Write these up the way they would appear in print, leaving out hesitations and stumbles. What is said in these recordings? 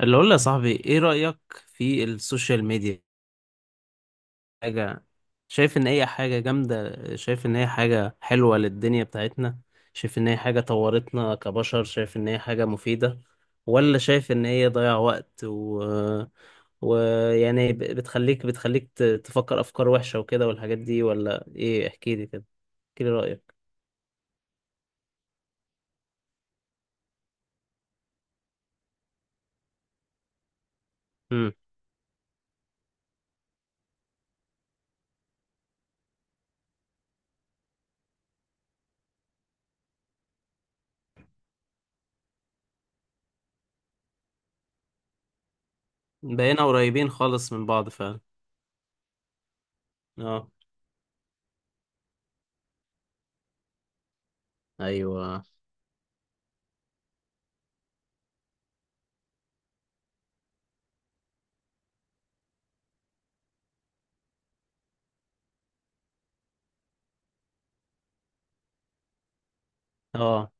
اللي اقول يا صاحبي، ايه رأيك في السوشيال ميديا؟ حاجة، شايف ان هي حاجة جامدة؟ شايف ان هي حاجة حلوة للدنيا بتاعتنا؟ شايف ان هي حاجة طورتنا كبشر؟ شايف ان هي حاجة مفيدة ولا شايف ان هي ضيع وقت و... ويعني بتخليك تفكر افكار وحشة وكده والحاجات دي ولا ايه؟ احكي لي كده، احكي لي رأيك. امم بقينا قريبين خالص من بعض فعلا. اه، ايوه، اه.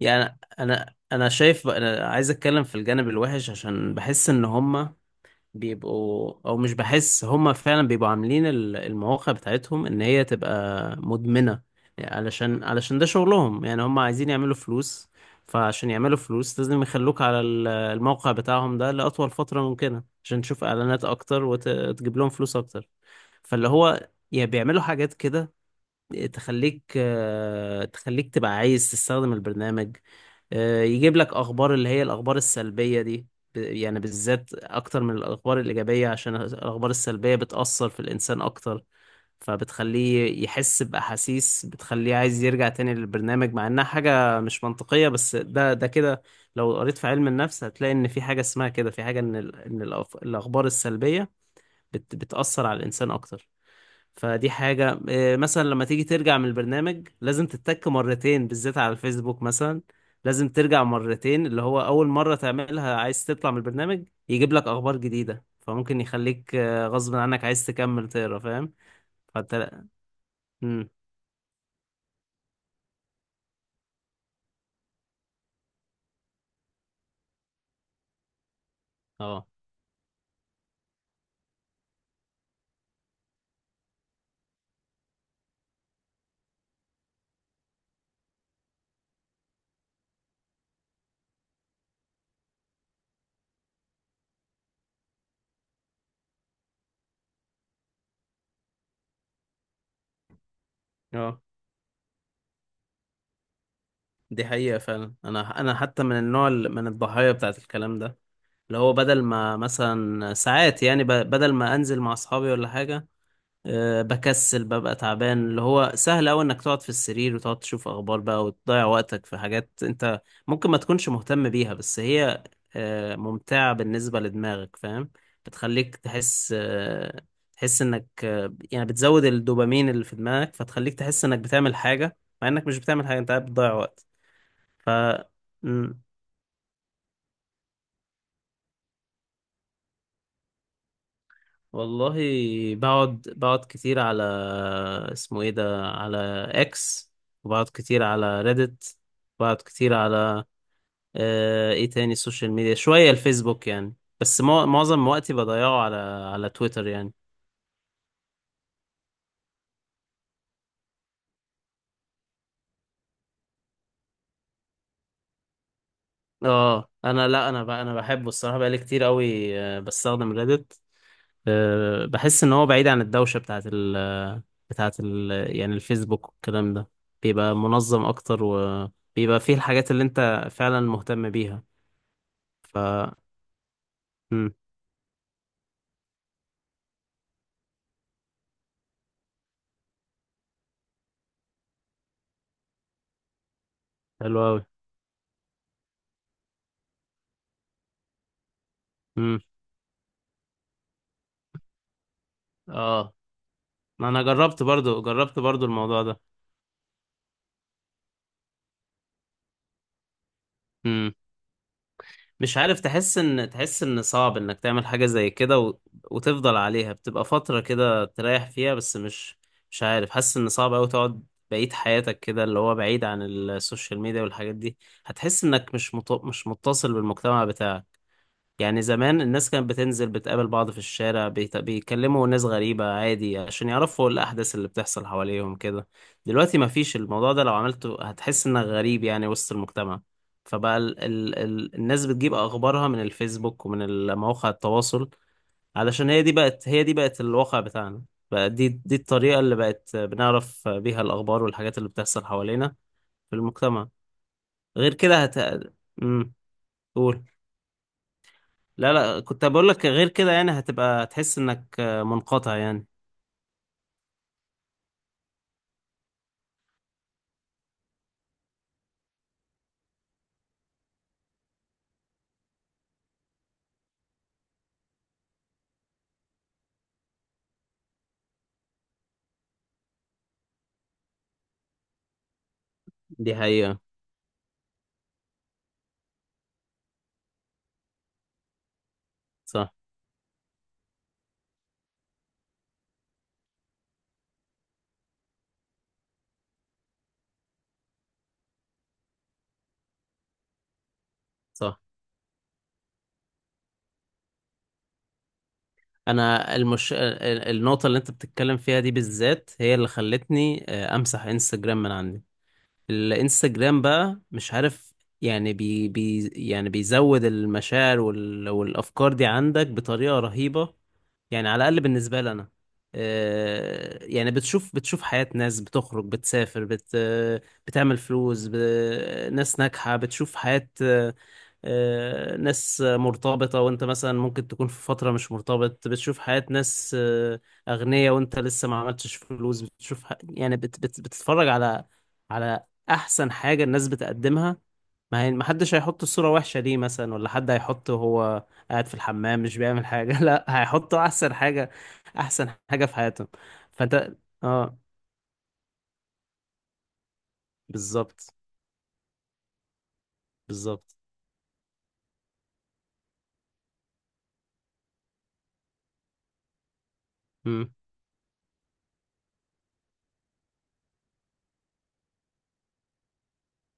يعني انا شايف، انا عايز اتكلم في الجانب الوحش عشان بحس ان هما بيبقوا، او مش بحس، هما فعلا بيبقوا عاملين المواقع بتاعتهم ان هي تبقى مدمنة، يعني علشان ده شغلهم. يعني هما عايزين يعملوا فلوس، فعشان يعملوا فلوس لازم يخلوك على الموقع بتاعهم ده لأطول فترة ممكنة عشان تشوف اعلانات اكتر وتجيب لهم فلوس اكتر. فاللي هو يا بيعملوا حاجات كده تخليك، تخليك تبقى عايز تستخدم البرنامج، يجيب لك اخبار اللي هي الاخبار السلبية دي، يعني بالذات اكتر من الاخبار الايجابية، عشان الاخبار السلبية بتأثر في الانسان اكتر، فبتخليه يحس بأحاسيس بتخليه عايز يرجع تاني للبرنامج مع انها حاجة مش منطقية. بس ده كده، لو قريت في علم النفس هتلاقي ان في حاجة اسمها كده، في حاجة ان الاخبار السلبية بتأثر على الانسان اكتر. فدي حاجة إيه، مثلا لما تيجي ترجع من البرنامج لازم تتك 2 مرتين، بالذات على الفيسبوك مثلا لازم ترجع 2 مرتين، اللي هو أول مرة تعملها عايز تطلع من البرنامج يجيب لك أخبار جديدة، فممكن يخليك غصب عنك عايز تكمل تقرا، فاهم؟ فانت لا. امم، اه، اه، دي حقيقة فعلا. أنا حتى من النوع اللي من الضحايا بتاعت الكلام ده، اللي هو بدل ما مثلا ساعات، يعني بدل ما أنزل مع أصحابي ولا حاجة، أه بكسل، ببقى تعبان، اللي هو سهل أوي إنك تقعد في السرير وتقعد تشوف أخبار بقى وتضيع وقتك في حاجات أنت ممكن ما تكونش مهتم بيها، بس هي أه ممتعة بالنسبة لدماغك، فاهم؟ بتخليك تحس أه، تحس إنك أه، يعني بتزود الدوبامين اللي في دماغك، فتخليك تحس إنك بتعمل حاجة مع إنك مش بتعمل حاجة، أنت قاعد بتضيع وقت. ف، والله، بقعد كتير على، اسمه ايه ده، على اكس، وبقعد كتير على ريدت، بقعد كتير على، آه، ايه تاني السوشيال ميديا، شوية الفيسبوك يعني، بس معظم وقتي بضيعه على، على تويتر يعني. اه، انا لا، انا بحبه الصراحة، بقالي كتير قوي بستخدم ريدت. آه، بحس ان هو بعيد عن الدوشة بتاعت ال، بتاعت ال، يعني الفيسبوك والكلام ده، بيبقى منظم اكتر وبيبقى فيه الحاجات اللي انت فعلا مهتم بيها. ف، امم، حلو قوي، امم، اه. ما انا جربت برضو، جربت برضو الموضوع ده. امم، مش عارف، تحس ان، تحس ان صعب انك تعمل حاجة زي كده و... وتفضل عليها، بتبقى فترة كده تريح فيها، بس مش، مش عارف، حاسس ان صعب قوي تقعد بقية حياتك كده اللي هو بعيد عن السوشيال ميديا والحاجات دي. هتحس انك مش مط... مش متصل بالمجتمع بتاعك، يعني زمان الناس كانت بتنزل بتقابل بعض في الشارع بيتكلموا ناس غريبة عادي عشان يعرفوا الأحداث اللي بتحصل حواليهم كده. دلوقتي مفيش الموضوع ده، لو عملته هتحس إنك غريب يعني وسط المجتمع، فبقى ال الناس بتجيب أخبارها من الفيسبوك ومن مواقع التواصل، علشان هي دي بقت، هي دي بقت الواقع بتاعنا، بقى دي الطريقة اللي بقت بنعرف بيها الأخبار والحاجات اللي بتحصل حوالينا في المجتمع. غير كده هت، مم، قول. لا لا، كنت بقول لك غير كده يعني هتبقى تحس انك منقطع يعني. دي حقيقة، صح، صح. انا المش... النقطة اللي انت بتتكلم فيها دي بالذات هي اللي خلتني امسح انستجرام من عندي. الانستجرام بقى مش عارف، يعني بي... بي... يعني بيزود المشاعر وال... والافكار دي عندك بطريقة رهيبة، يعني على الأقل بالنسبة لي أنا. يعني بتشوف حياة ناس بتخرج، بتسافر، بت آه، بتعمل فلوس، ب... ناس ناجحة، بتشوف حياة آه، آه، ناس مرتبطة وأنت مثلا ممكن تكون في فترة مش مرتبط، بتشوف حياة ناس آه، أغنياء وأنت لسه ما عملتش فلوس، بتشوف ح... يعني بت... بت... بتتفرج على على أحسن حاجة الناس بتقدمها. ما هي ما حدش هيحط الصورة وحشة ليه مثلا؟ ولا حد هيحط وهو قاعد في الحمام مش بيعمل حاجة لا، هيحطه أحسن حاجة، أحسن حاجة في حياتهم. فأنت، اه، بالظبط، بالظبط، امم.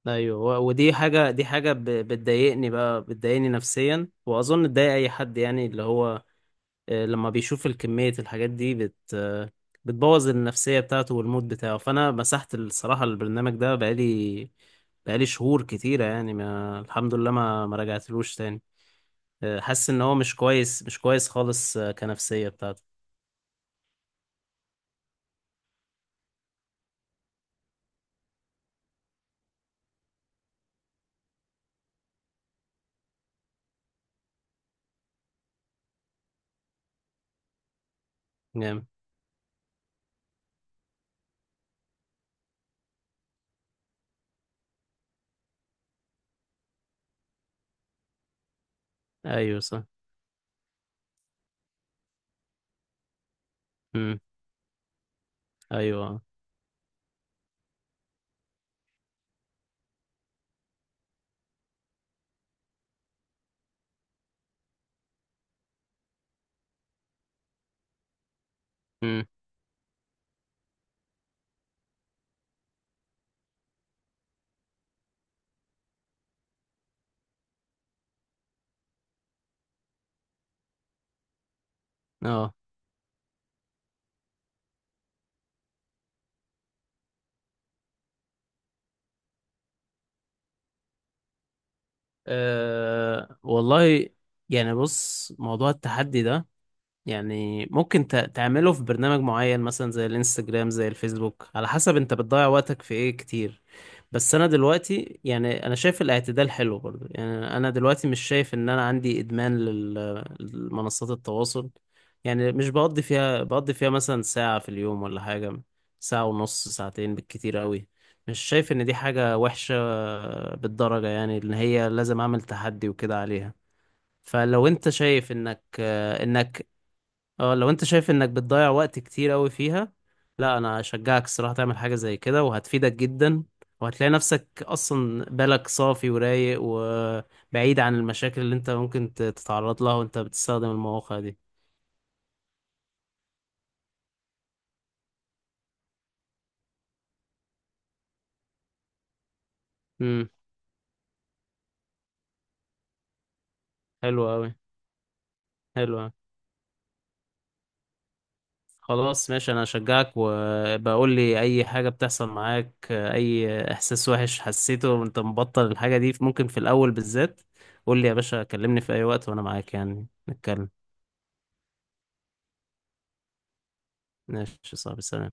أيوه، ودي حاجة، بتضايقني بقى، بتضايقني نفسيا وأظن تضايق أي حد، يعني اللي هو لما بيشوف الكمية الحاجات دي بت آه، بتبوظ النفسية بتاعته والمود بتاعه. فأنا مسحت الصراحة البرنامج ده، بقالي شهور كتيرة يعني، ما الحمد لله ما رجعتلوش تاني. حاسس إن هو مش كويس، مش كويس خالص كنفسية بتاعته. جامد، أيوة، صح، مم، أيوة، مم، أه. والله، يعني بص، موضوع التحدي ده يعني ممكن تعمله في برنامج معين مثلا زي الانستجرام زي الفيسبوك، على حسب انت بتضيع وقتك في ايه كتير. بس انا دلوقتي يعني، انا شايف الاعتدال حلو برضو، يعني انا دلوقتي مش شايف ان انا عندي ادمان لمنصات التواصل. يعني مش بقضي فيها مثلا 1 ساعة في اليوم ولا حاجة، 1 ساعة ونص، 2 ساعتين بالكتير قوي. مش شايف ان دي حاجة وحشة بالدرجة يعني ان هي لازم اعمل تحدي وكده عليها. فلو انت شايف انك اه، لو انت شايف انك بتضيع وقت كتير قوي فيها، لا، انا اشجعك الصراحة تعمل حاجة زي كده، وهتفيدك جدا، وهتلاقي نفسك اصلا بالك صافي ورايق وبعيد عن المشاكل اللي انت ممكن تتعرض لها وانت بتستخدم المواقع دي. امم، حلو قوي، حلو أوي. خلاص ماشي، انا اشجعك، وبقول لي اي حاجة بتحصل معاك، اي احساس وحش حسيته وانت مبطل الحاجة دي، ممكن في الاول بالذات، قول لي يا باشا، كلمني في اي وقت وانا معاك، يعني نتكلم. ماشي يا صاحبي، سلام.